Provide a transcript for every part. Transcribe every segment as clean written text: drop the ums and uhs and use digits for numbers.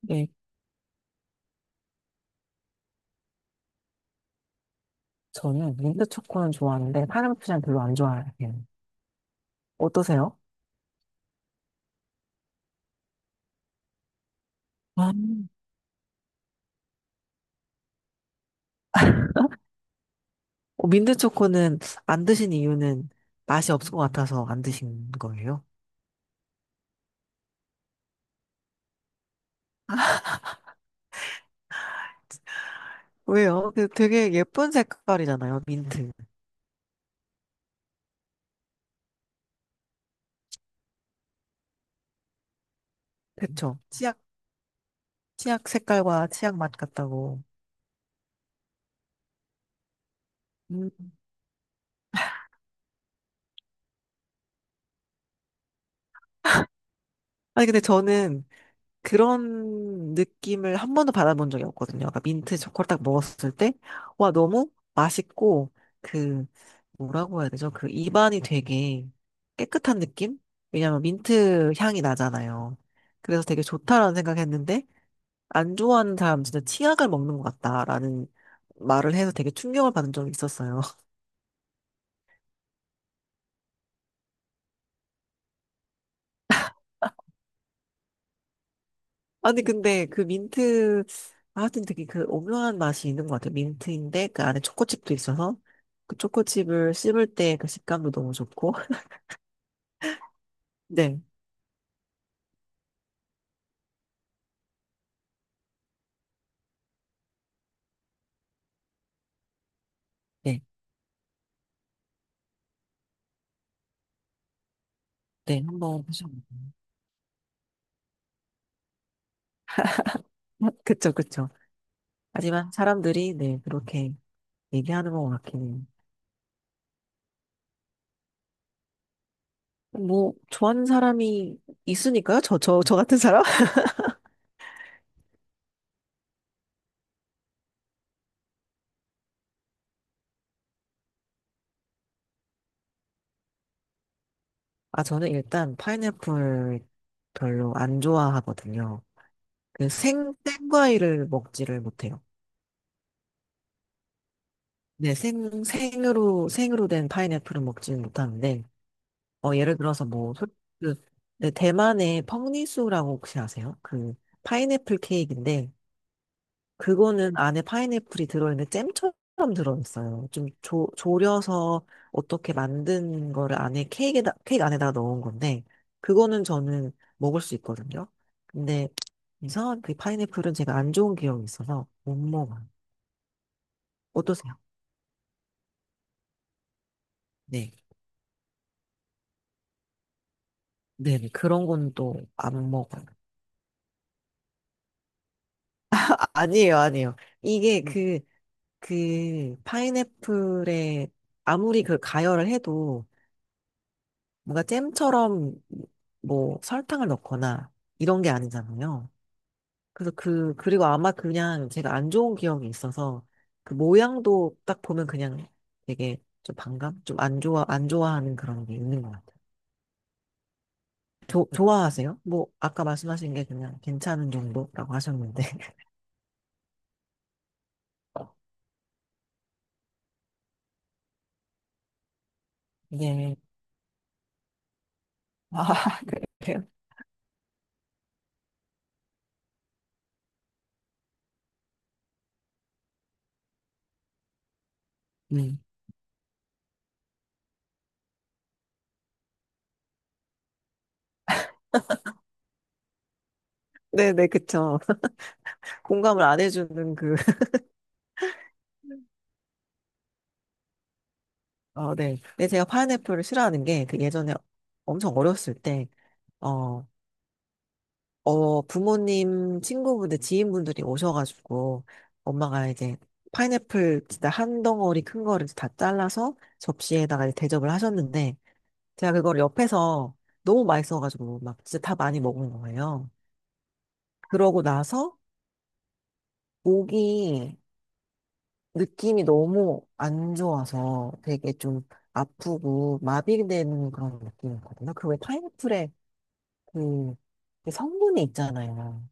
네, 저는 민트 초코는 좋아하는데 파인애플은 별로 안 좋아해요. 어떠세요? 아, 민트 초코는 안 드신 이유는 맛이 없을 것 같아서 안 드신 거예요? 왜요? 그 되게 예쁜 색깔이잖아요, 민트. 그쵸? 치약 색깔과 치약 맛 같다고. 음, 아니, 근데 저는 그런 느낌을 한 번도 받아본 적이 없거든요. 그러니까 민트 초코를 딱 먹었을 때, 와, 너무 맛있고, 그, 뭐라고 해야 되죠? 그 입안이 되게 깨끗한 느낌? 왜냐면 민트 향이 나잖아요. 그래서 되게 좋다라는 생각했는데, 안 좋아하는 사람 진짜 치약을 먹는 것 같다라는 말을 해서 되게 충격을 받은 적이 있었어요. 아니, 근데 그 민트, 아, 하여튼 되게 그 오묘한 맛이 있는 것 같아요. 민트인데 그 안에 초코칩도 있어서 그 초코칩을 씹을 때 그 식감도 너무 좋고. 네, 네, 네. 한번 보셔. 그쵸, 그쵸. 하지만 사람들이 네, 그렇게 얘기하는 것 같긴 해요. 뭐, 좋아하는 사람이 있으니까요? 저 같은 사람? 아, 저는 일단 파인애플 별로 안 좋아하거든요. 그 생과일을 먹지를 못해요. 네, 생으로 된 파인애플은 먹지는 못하는데, 어, 예를 들어서 뭐, 그, 네, 대만의 펑리수라고 혹시 아세요? 그, 파인애플 케이크인데, 그거는 안에 파인애플이 들어있는데 잼처럼 들어있어요. 좀 졸여서 어떻게 만든 거를 안에 케이크 안에다 넣은 건데, 그거는 저는 먹을 수 있거든요. 근데 이상한 그 파인애플은 제가 안 좋은 기억이 있어서 못 먹어요. 어떠세요? 네. 네네, 그런 건 또 안 먹어요. 아, 아니에요, 아니에요. 이게 그, 그, 파인애플에 아무리 그 가열을 해도 뭔가 잼처럼 뭐 설탕을 넣거나 이런 게 아니잖아요. 그래서 그, 그리고 아마 그냥 제가 안 좋은 기억이 있어서 그 모양도 딱 보면 그냥 되게 좀 반감? 좀 안 좋아하는 그런 게 있는 것 같아요. 좋아하세요? 뭐, 아까 말씀하신 게 그냥 괜찮은 정도라고 하셨는데. 네. 아, 그래요? 네. 네네, 그쵸. 공감을 안 해주는 그, 어, 네. 근데 제가 파인애플을 싫어하는 게, 그 예전에 엄청 어렸을 때, 어, 부모님, 친구분들, 지인분들이 오셔가지고, 엄마가 이제 파인애플 진짜 한 덩어리 큰 거를 다 잘라서 접시에다가 이제 대접을 하셨는데, 제가 그걸 옆에서 너무 맛있어가지고, 막 진짜 다 많이 먹은 거예요. 그러고 나서, 목이 느낌이 너무 안 좋아서 되게 좀 아프고 마비되는 그런 느낌이었거든요. 그 왜 파인애플에 그, 그 성분이 있잖아요.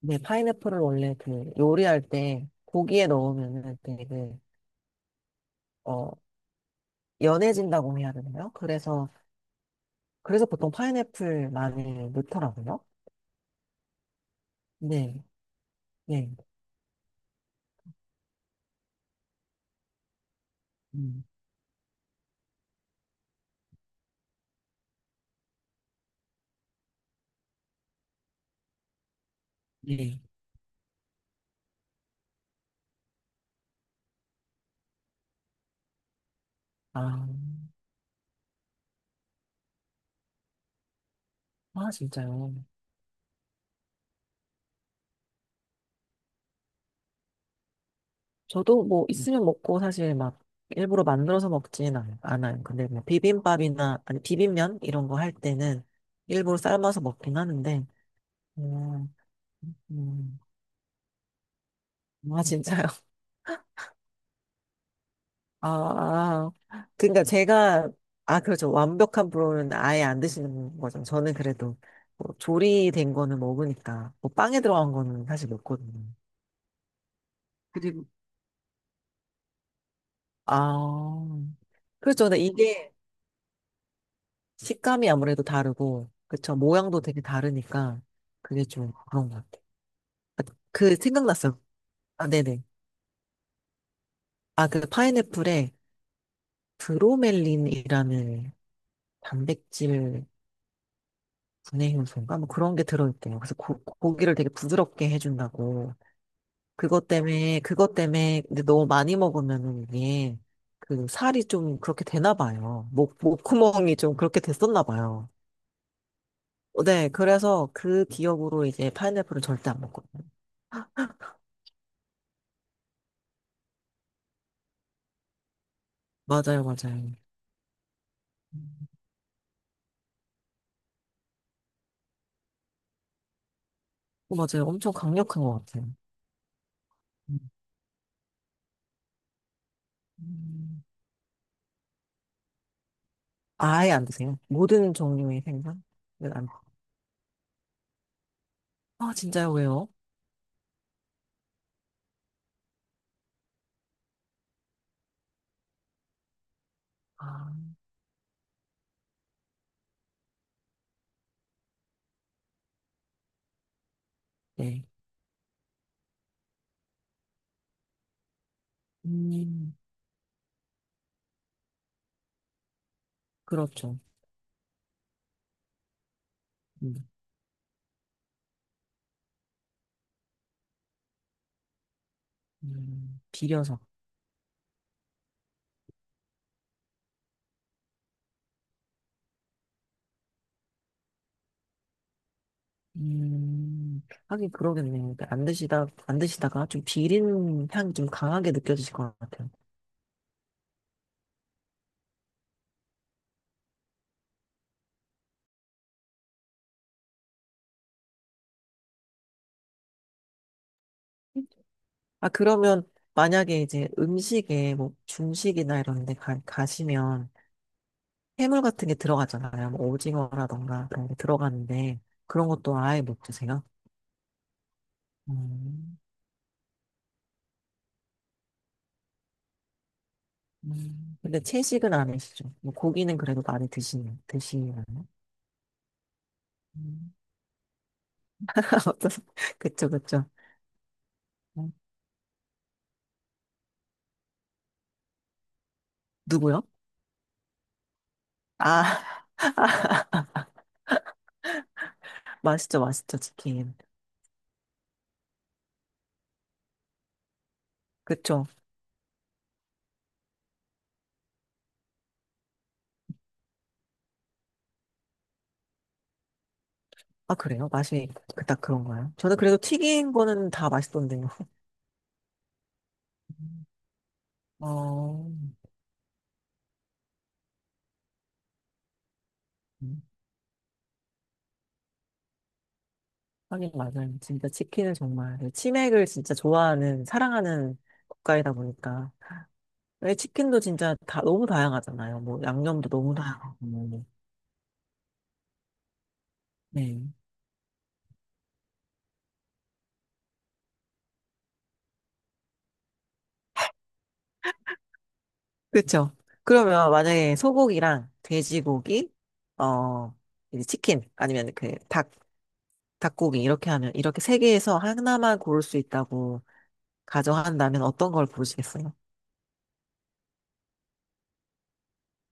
네, 파인애플을 원래 그 요리할 때 고기에 넣으면은 되게 어 연해진다고 해야 되나요? 그래서 보통 파인애플 많이 넣더라고요. 네, 네, 음, 네. 아, 아 진짜요? 저도 뭐 있으면 먹고 사실 막 일부러 만들어서 않아요. 근데 뭐 비빔밥이나 아니 비빔면 이런 거 할 때는 일부러 삶아서 먹긴 하는데. 음, 음. 아 진짜요? 아, 아. 그러니까 제가 아 그렇죠. 완벽한 불호는 아예 안 드시는 거죠. 저는 그래도 뭐 조리된 거는 먹으니까 뭐 빵에 들어간 거는 사실 먹거든요. 그리고 아, 그렇죠. 근데 이게 식감이 아무래도 다르고, 그쵸. 모양도 되게 다르니까, 그게 좀 그런 것 같아요. 아, 그, 생각났어요. 아, 네네. 아, 그 파인애플에 브로멜린이라는 단백질 분해 효소인가? 뭐 그런 게 들어있대요. 그래서 고, 고기를 되게 부드럽게 해준다고. 근데 너무 많이 먹으면은 이게, 그 살이 좀 그렇게 되나 봐요. 목구멍이 좀 그렇게 됐었나 봐요. 어, 네, 그래서 그 기억으로 이제 파인애플은 절대 안 먹거든요. 맞아요. 음, 어, 맞아요. 엄청 강력한 것 같아요. 음. 아예 안 드세요? 모든 종류의 생선은 안. 아, 진짜요? 왜요? 아, 네, 음, 그렇죠. 음, 비려서. 음. 하긴 그러겠네요. 그러니까 안 드시다가 좀 비린 향이 좀 강하게 느껴지실 것 같아요. 아, 그러면 만약에 이제 음식에 뭐 중식이나 이런 데 가시면 해물 같은 게 들어가잖아요. 뭐 오징어라던가 그런 게 들어가는데 그런 것도 아예 못 드세요? 음, 근데 채식은 안 하시죠? 뭐 고기는 그래도 많이 드시는 드시나요? 음. 어떠세- 그쵸, 그쵸. 음. 누구요? 아, 맛있죠 치킨. 그쵸. 아, 그래요? 맛이 그닥 그런가요? 저는 그래도 튀긴 거는 다 맛있던데요. 어. 하긴 맞아요. 진짜 치킨은 정말 그 치맥을 진짜 좋아하는 사랑하는 국가이다 보니까 왜 치킨도 진짜 다 너무 다양하잖아요. 뭐 양념도 너무 다양하고. 뭐. 네. 그렇죠. 그러면 만약에 소고기랑 돼지고기, 어 이제 치킨 아니면 그 닭, 닭고기 이렇게 하면 이렇게 세 개에서 하나만 고를 수 있다고 가정한다면 어떤 걸 고르시겠어요?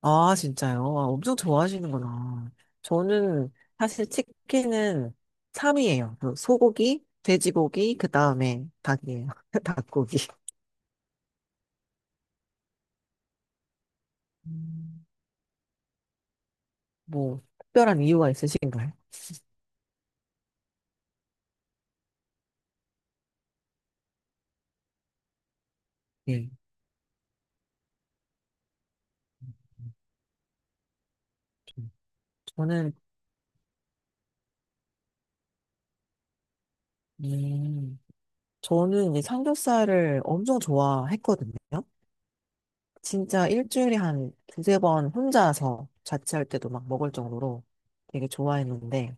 아, 진짜요? 아, 엄청 좋아하시는구나. 저는 사실 치킨은 3위예요. 소고기, 돼지고기, 그 다음에 닭이에요. 닭고기. 음, 뭐, 특별한 이유가 있으신가요? 예. 저는, 음, 저는 이제 삼겹살을 엄청 좋아했거든요. 진짜 일주일에 한 두세 번 혼자서 자취할 때도 막 먹을 정도로 되게 좋아했는데,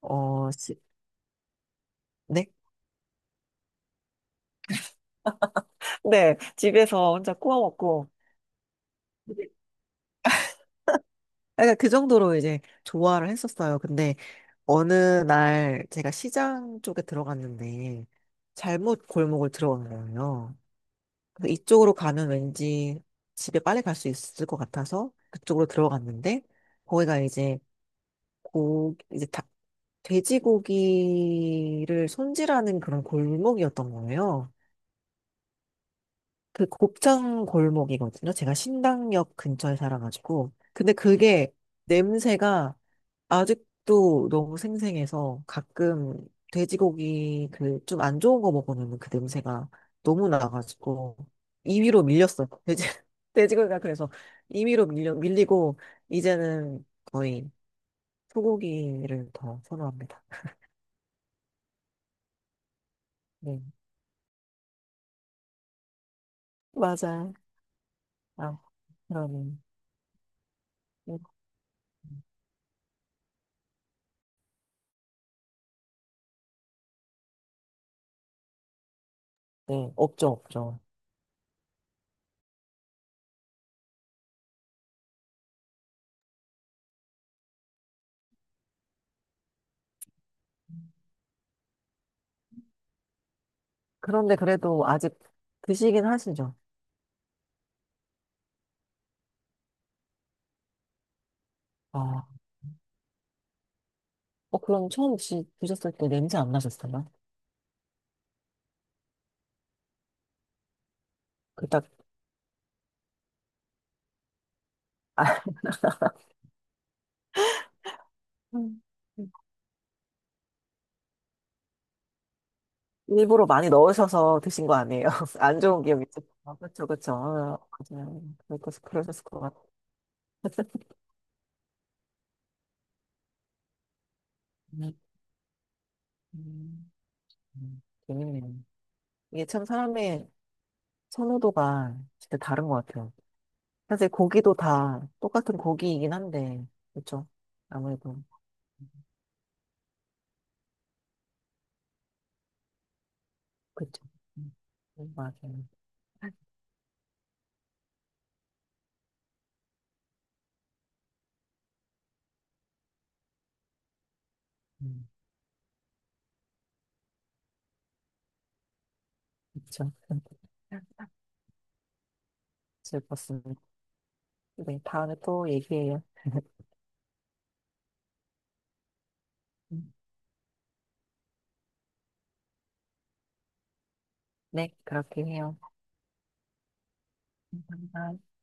어, 네? 네, 집에서 혼자 구워 먹고, 그러니까 그 정도로 이제 좋아를 했었어요. 근데 어느 날 제가 시장 쪽에 들어갔는데 잘못 골목을 들어간 거예요. 그래서 이쪽으로 가면 왠지 집에 빨리 갈 수 있을 것 같아서 그쪽으로 들어갔는데 거기가 이제 고 이제 닭 돼지고기를 손질하는 그런 골목이었던 거예요. 그 곱창 골목이거든요. 제가 신당역 근처에 살아가지고. 근데 그게 냄새가 아직도 너무 생생해서 가끔 돼지고기 그 좀 안 좋은 거 먹으면 그 냄새가 너무 나가지고 2위로 밀렸어요. 돼지, 돼지고기가 그래서 밀리고 이제는 거의 소고기를 더 선호합니다. 네. 맞아. 아, 그러면. 네, 없죠. 그런데 그래도 아직 드시긴 하시죠? 아, 어, 그럼 처음 혹 드셨을 때 냄새 안 나셨어요? 그 딱, 아, 음. 일부러 많이 넣으셔서 드신 거 아니에요? 안 좋은 기억이 있죠? 아, 그쵸, 그쵸. 아, 맞아요. 그러셨을 것 같아요. 음, 음, 음. 재밌네요. 이게 참 사람의 선호도가 진짜 다른 것 같아요. 사실 고기도 다 똑같은 고기이긴 한데, 그렇죠 아무래도, 그렇죠 맞아요. 음. 그쵸. 즐겁습니다 네, 다음에 또 얘기해요. 네, 그렇게 해요. 감사합니다.